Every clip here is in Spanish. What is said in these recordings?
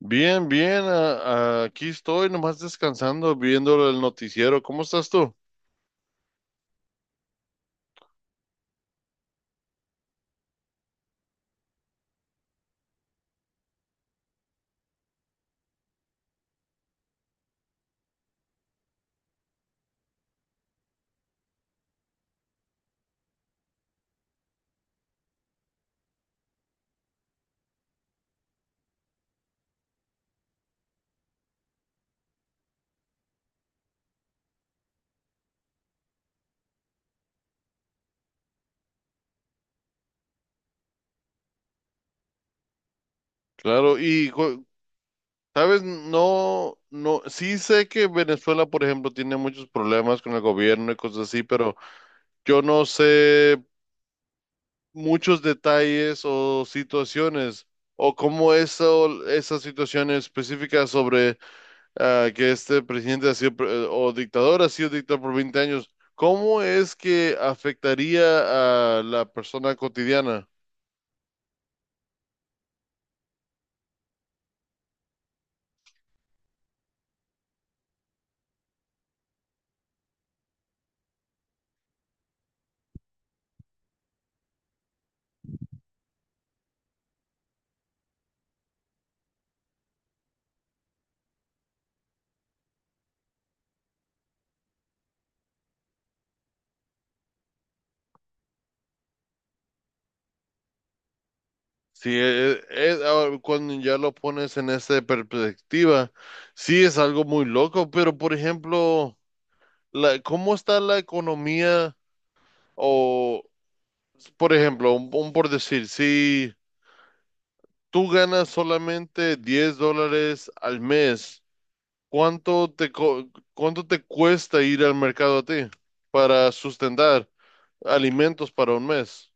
Bien, bien, aquí estoy nomás descansando, viendo el noticiero. ¿Cómo estás tú? Claro, sabes, no, no, sí sé que Venezuela, por ejemplo, tiene muchos problemas con el gobierno y cosas así, pero yo no sé muchos detalles o situaciones o cómo eso, esas situaciones específicas sobre que este presidente ha sido pre- o dictador, ha sido dictador por 20 años. ¿Cómo es que afectaría a la persona cotidiana? Sí, ahora cuando ya lo pones en esa perspectiva, sí es algo muy loco, pero por ejemplo, la, ¿cómo está la economía? O, por ejemplo, un por decir, si tú ganas solamente $10 al mes, ¿cuánto te, co- ¿cuánto te cuesta ir al mercado a ti para sustentar alimentos para un mes?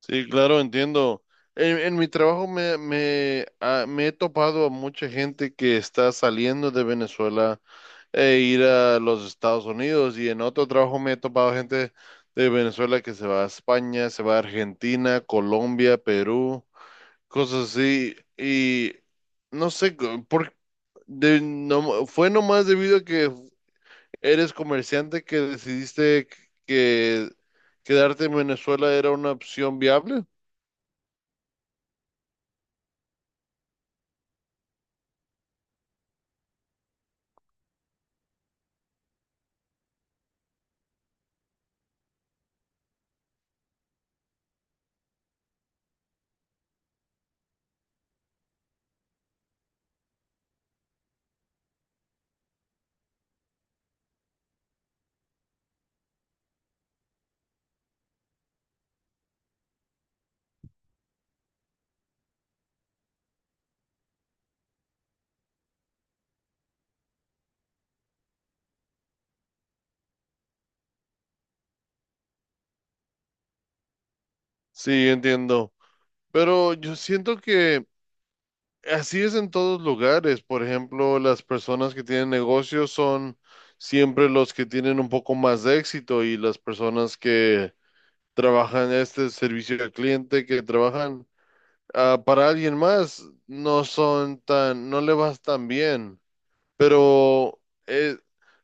Sí, claro, entiendo. En mi trabajo me he topado a mucha gente que está saliendo de Venezuela e ir a los Estados Unidos, y en otro trabajo me he topado gente de Venezuela que se va a España, se va a Argentina, Colombia, Perú, cosas así. Y no sé, co- por, de, no, fue nomás debido a que eres comerciante que decidiste que quedarte en Venezuela era una opción viable. Sí, entiendo. Pero yo siento que así es en todos lugares. Por ejemplo, las personas que tienen negocios son siempre los que tienen un poco más de éxito, y las personas que trabajan este servicio al cliente, que trabajan para alguien más, no son tan, no le vas tan bien. Pero eh,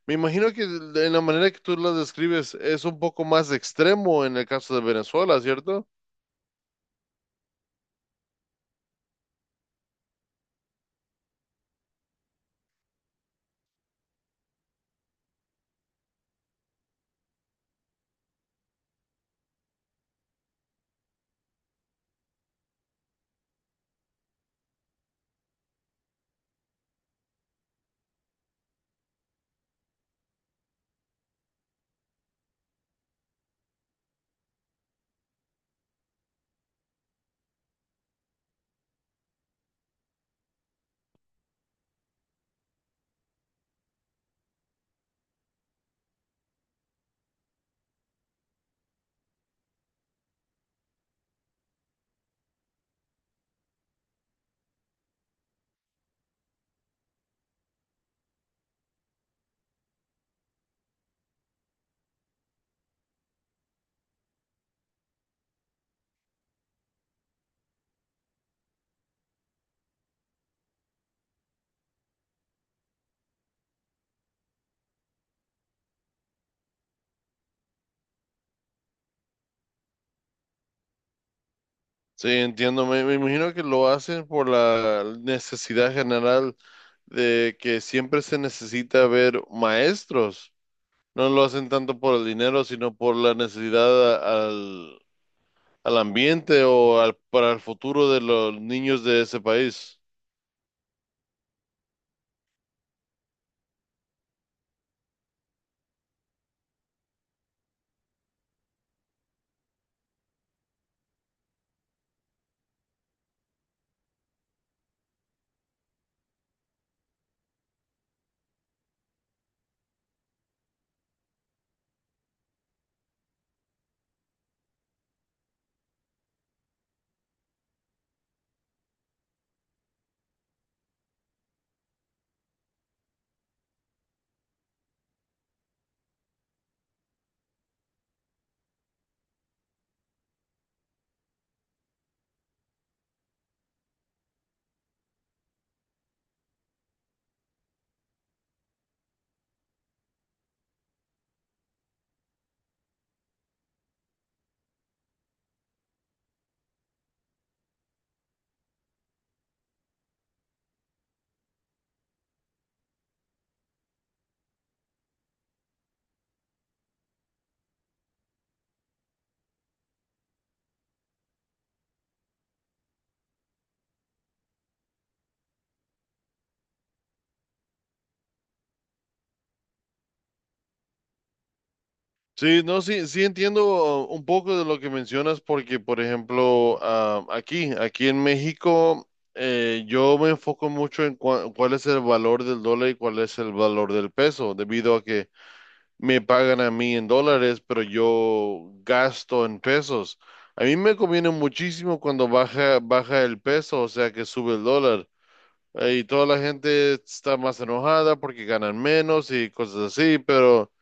me imagino que en la manera que tú las describes es un poco más extremo en el caso de Venezuela, ¿cierto? Sí, entiendo. Me imagino que lo hacen por la necesidad general de que siempre se necesita ver maestros. No lo hacen tanto por el dinero, sino por la necesidad al ambiente o al, para el futuro de los niños de ese país. Sí, no, sí, sí entiendo un poco de lo que mencionas porque, por ejemplo, aquí, aquí en México, yo me enfoco mucho en cuál es el valor del dólar y cuál es el valor del peso, debido a que me pagan a mí en dólares, pero yo gasto en pesos. A mí me conviene muchísimo cuando baja, baja el peso, o sea que sube el dólar. Y toda la gente está más enojada porque ganan menos y cosas así, pero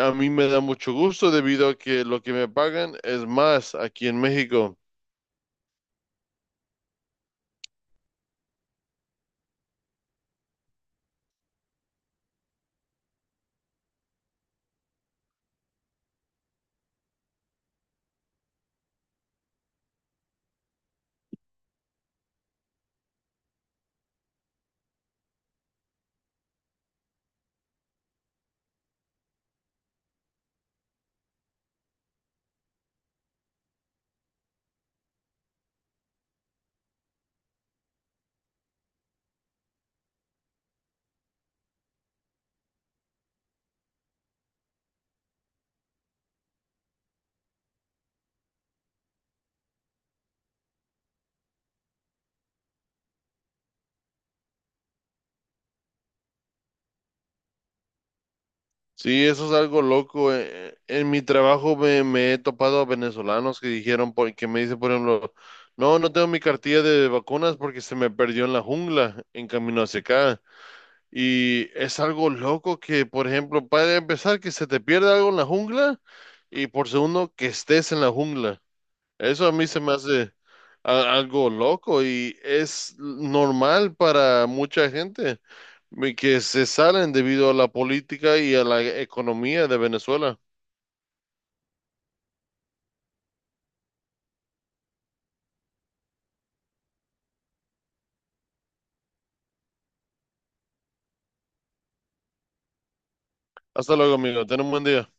a mí me da mucho gusto debido a que lo que me pagan es más aquí en México. Sí, eso es algo loco. En mi trabajo me he topado a venezolanos que dijeron, que me dicen, por ejemplo, no, no tengo mi cartilla de vacunas porque se me perdió en la jungla en camino hacia acá. Y es algo loco que, por ejemplo, para empezar, que se te pierda algo en la jungla, y por segundo, que estés en la jungla. Eso a mí se me hace algo loco, y es normal para mucha gente que se salen debido a la política y a la economía de Venezuela. Hasta luego, amigo. Ten un buen día.